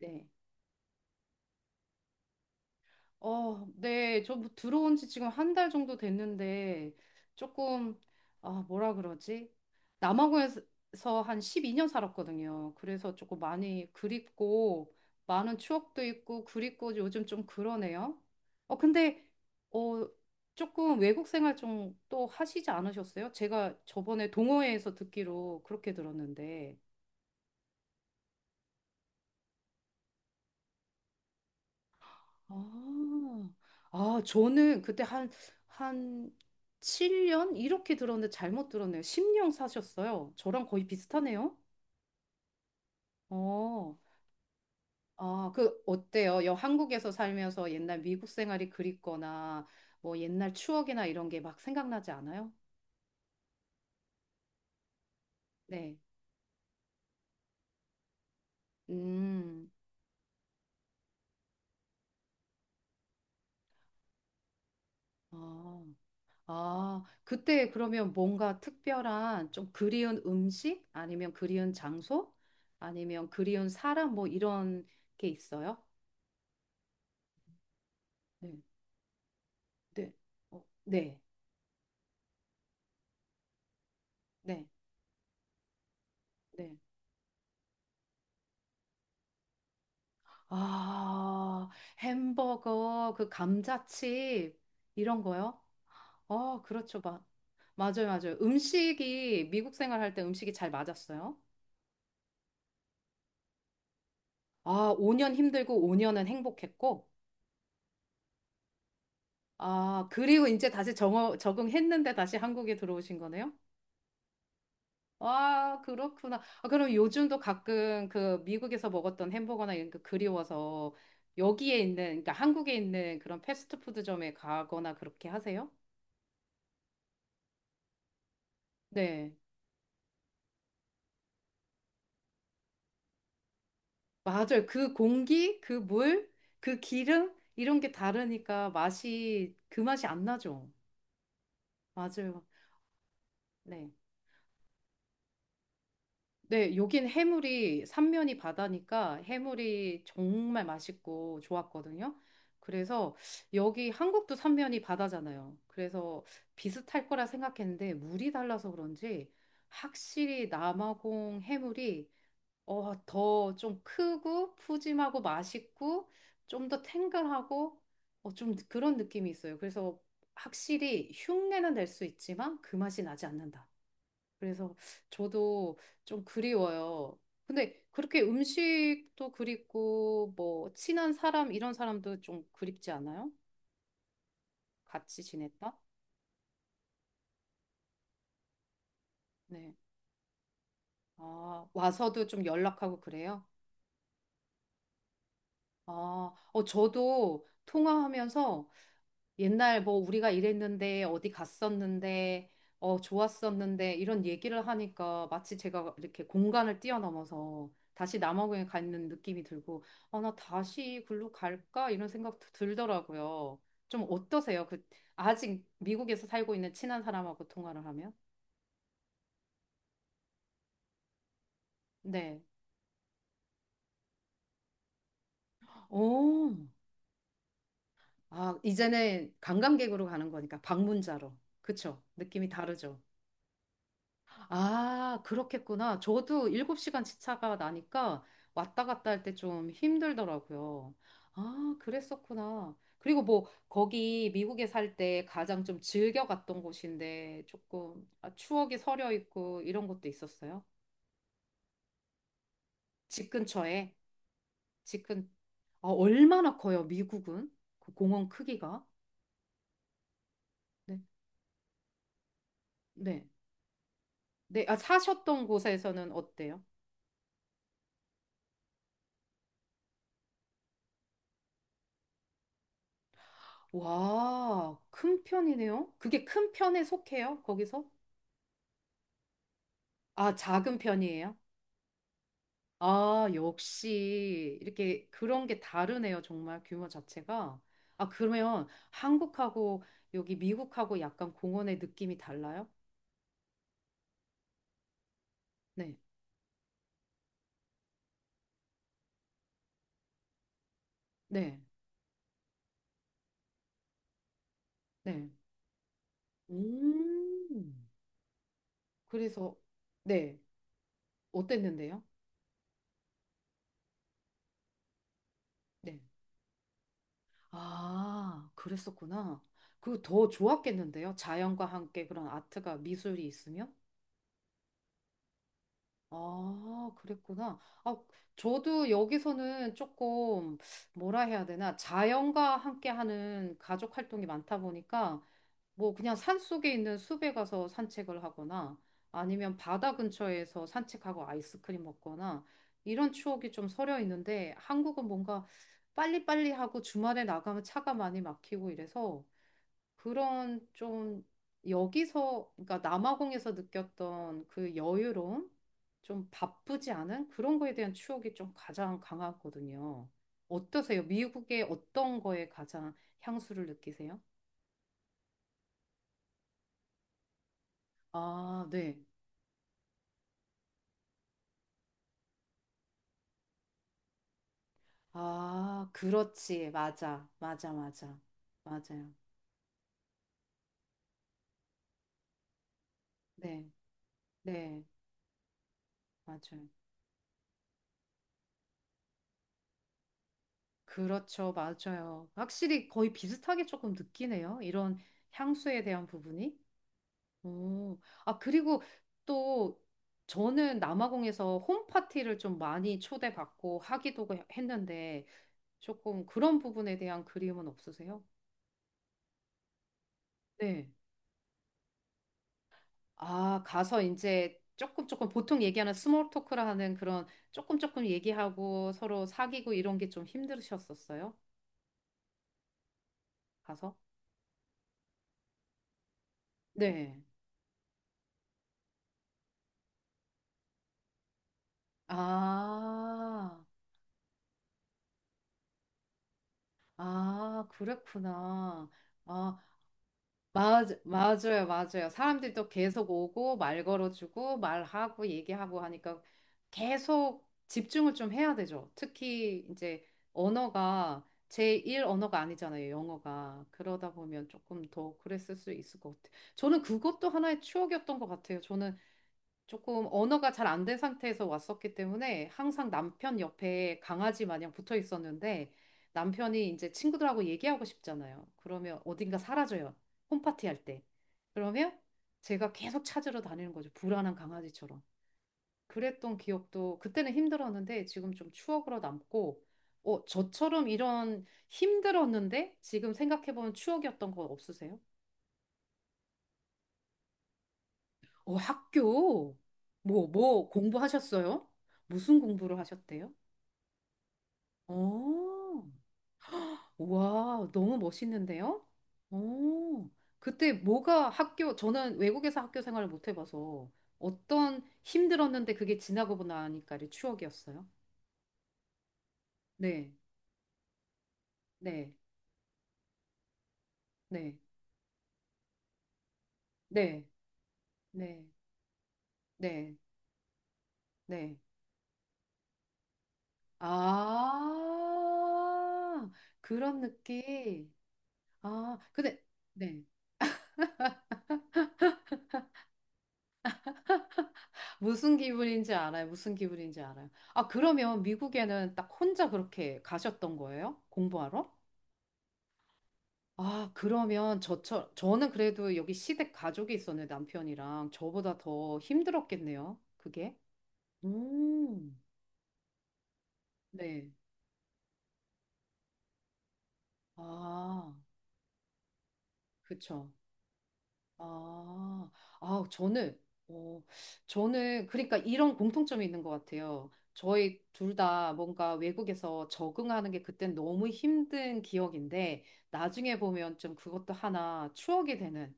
네. 어, 네. 저뭐 들어온 지 지금 한 달 정도 됐는데 조금 아, 뭐라 그러지? 남아공에서 한 12년 살았거든요. 그래서 조금 많이 그립고 많은 추억도 있고 그립고 요즘 좀 그러네요. 어, 근데 어, 조금 외국 생활 좀 또 하시지 않으셨어요? 제가 저번에 동호회에서 듣기로 그렇게 들었는데. 아, 아, 저는 그때 한, 한 7년? 이렇게 들었는데 잘못 들었네요. 10년 사셨어요. 저랑 거의 비슷하네요. 어, 아, 그, 어때요? 여, 한국에서 살면서 옛날 미국 생활이 그립거나, 뭐 옛날 추억이나 이런 게 막 생각나지 않아요? 네. 음, 아, 아, 그때 그러면 뭔가 특별한 좀 그리운 음식? 아니면 그리운 장소? 아니면 그리운 사람? 뭐 이런 게 있어요? 네, 네, 어, 네, 네, 네. 아, 햄버거, 그 감자칩, 이런 거요? 어, 그렇죠. 마, 맞아요, 맞아요. 음식이, 미국 생활할 때 음식이 잘 맞았어요. 아, 5년 힘들고 5년은 행복했고, 아, 그리고 이제 다시 정 적응했는데 다시 한국에 들어오신 거네요? 와, 그렇구나. 아, 그럼 요즘도 가끔 그 미국에서 먹었던 햄버거나 이런 거 그리워서 여기에 있는, 그러니까 한국에 있는 그런 패스트푸드점에 가거나 그렇게 하세요? 네. 맞아요. 그 공기, 그 물, 그 기름, 이런 게 다르니까 맛이, 그 맛이 안 나죠. 맞아요. 네. 네, 여긴 해물이 삼면이 바다니까 해물이 정말 맛있고 좋았거든요. 그래서 여기 한국도 삼면이 바다잖아요. 그래서 비슷할 거라 생각했는데 물이 달라서 그런지 확실히 남아공 해물이 더 좀 크고 푸짐하고 맛있고 좀 더 탱글하고 좀 그런 느낌이 있어요. 그래서 확실히 흉내는 낼 수 있지만 그 맛이 나지 않는다. 그래서 저도 좀 그리워요. 근데 그렇게 음식도 그립고 뭐 친한 사람 이런 사람도 좀 그립지 않아요? 같이 지냈다? 네. 아, 와서도 좀 연락하고 그래요? 아, 저도 통화하면서 옛날 뭐 우리가 이랬는데 어디 갔었는데 어 좋았었는데 이런 얘기를 하니까 마치 제가 이렇게 공간을 뛰어넘어서 다시 남아공에 가 있는 느낌이 들고 아 나 다시 글로 갈까 이런 생각도 들더라고요. 좀 어떠세요? 그 아직 미국에서 살고 있는 친한 사람하고 통화를 하면? 네. 오. 아, 이제는 관광객으로 가는 거니까 방문자로. 그쵸? 느낌이 다르죠? 아, 그렇겠구나. 저도 7시간 시차가 나니까 왔다 갔다 할 때 좀 힘들더라고요. 아, 그랬었구나. 그리고 뭐, 거기 미국에 살 때 가장 좀 즐겨 갔던 곳인데 조금 아, 추억이 서려 있고 이런 것도 있었어요? 집 근처에? 집 근, 아, 얼마나 커요, 미국은? 그 공원 크기가? 네. 네. 네. 아, 사셨던 곳에서는 어때요? 와, 큰 편이네요. 그게 큰 편에 속해요, 거기서? 아, 작은 편이에요? 아, 역시 이렇게 그런 게 다르네요. 정말 규모 자체가. 아, 그러면 한국하고 여기 미국하고 약간 공원의 느낌이 달라요? 네. 네. 네. 음. 그래서 네. 어땠는데요? 네. 아, 그랬었구나. 그 더 좋았겠는데요? 자연과 함께 그런 아트가 미술이 있으면? 아, 그랬구나. 아, 저도 여기서는 조금 뭐라 해야 되나 자연과 함께 하는 가족 활동이 많다 보니까 뭐 그냥 산 속에 있는 숲에 가서 산책을 하거나 아니면 바다 근처에서 산책하고 아이스크림 먹거나 이런 추억이 좀 서려 있는데 한국은 뭔가 빨리빨리 하고 주말에 나가면 차가 많이 막히고 이래서 그런 좀 여기서, 그러니까 남아공에서 느꼈던 그 여유로움, 좀 바쁘지 않은 그런 거에 대한 추억이 좀 가장 강하거든요. 어떠세요? 미국의 어떤 거에 가장 향수를 느끼세요? 아, 네. 아, 그렇지. 맞아. 맞아, 맞아. 맞아요. 네. 네. 맞아요. 그렇죠. 맞아요. 확실히 거의 비슷하게 조금 느끼네요. 이런 향수에 대한 부분이. 오, 아, 그리고 또 저는 남아공에서 홈파티를 좀 많이 초대받고 하기도 했는데 조금 그런 부분에 대한 그리움은 없으세요? 네. 아, 가서 이제 조금 보통 얘기하는 스몰 토크라 하는 그런 조금 얘기하고 서로 사귀고 이런 게 좀 힘드셨었어요? 가서? 네. 아, 아, 그랬구나. 아, 맞, 맞아요, 맞아요. 사람들이 또 계속 오고, 말 걸어주고, 말하고, 얘기하고 하니까 계속 집중을 좀 해야 되죠. 특히 이제 언어가 제1 언어가 아니잖아요, 영어가. 그러다 보면 조금 더 그랬을 수 있을 것 같아요. 저는 그것도 하나의 추억이었던 것 같아요. 저는 조금 언어가 잘 안 된 상태에서 왔었기 때문에 항상 남편 옆에 강아지 마냥 붙어 있었는데 남편이 이제 친구들하고 얘기하고 싶잖아요. 그러면 어딘가 사라져요. 홈파티 할 때. 그러면 제가 계속 찾으러 다니는 거죠. 불안한 강아지처럼. 그랬던 기억도 그때는 힘들었는데 지금 좀 추억으로 남고 어, 저처럼 이런 힘들었는데 지금 생각해보면 추억이었던 거 없으세요? 어, 학교 뭐, 뭐 공부하셨어요? 무슨 공부를 하셨대요? 오, 와, 너무 멋있는데요? 오, 그때 뭐가 학교, 저는 외국에서 학교 생활을 못 해봐서 어떤 힘들었는데 그게 지나고 나니까의 추억이었어요. 네, 네, 네, 네, 네, 네, 네. 아, 그런 느낌. 아, 근데, 네. 무슨 기분인지 알아요. 무슨 기분인지 알아요. 아, 그러면 미국에는 딱 혼자 그렇게 가셨던 거예요? 공부하러? 아, 그러면 저처럼, 저는 그래도 여기 시댁 가족이 있었는데 남편이랑 저보다 더 힘들었겠네요. 그게? 음, 네. 아, 그쵸. 아, 아, 저는, 어, 저는, 그러니까 이런 공통점이 있는 것 같아요. 저희 둘 다 뭔가 외국에서 적응하는 게 그땐 너무 힘든 기억인데, 나중에 보면 좀 그것도 하나 추억이 되는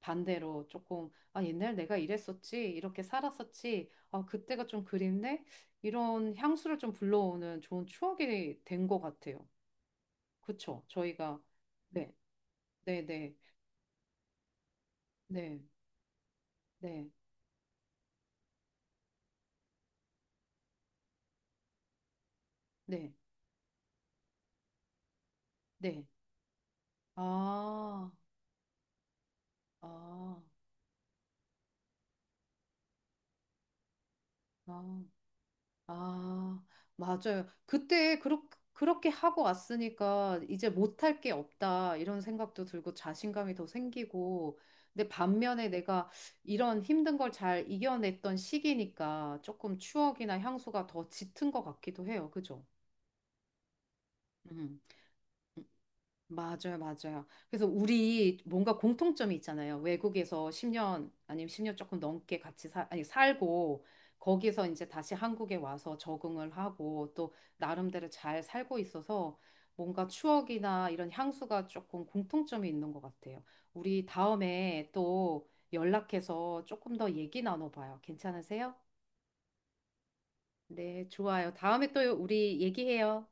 반대로 조금, 아, 옛날 내가 이랬었지, 이렇게 살았었지, 아, 그때가 좀 그립네? 이런 향수를 좀 불러오는 좋은 추억이 된 것 같아요. 그쵸? 저희가, 네, 네, 네, 네, 네, 네, 네. 아, 아, 아. 아, 맞아요. 그때 그렇게 하고 왔으니까 이제 못할 게 없다 이런 생각도 들고 자신감이 더 생기고 근데 반면에 내가 이런 힘든 걸 잘 이겨냈던 시기니까 조금 추억이나 향수가 더 짙은 것 같기도 해요. 그죠? 음. 맞아요, 맞아요. 그래서 우리 뭔가 공통점이 있잖아요. 외국에서 10년 아니면 10년 조금 넘게 같이 사, 아니, 살고 거기서 이제 다시 한국에 와서 적응을 하고 또 나름대로 잘 살고 있어서 뭔가 추억이나 이런 향수가 조금 공통점이 있는 것 같아요. 우리 다음에 또 연락해서 조금 더 얘기 나눠봐요. 괜찮으세요? 네, 좋아요. 다음에 또 우리 얘기해요.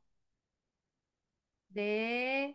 네.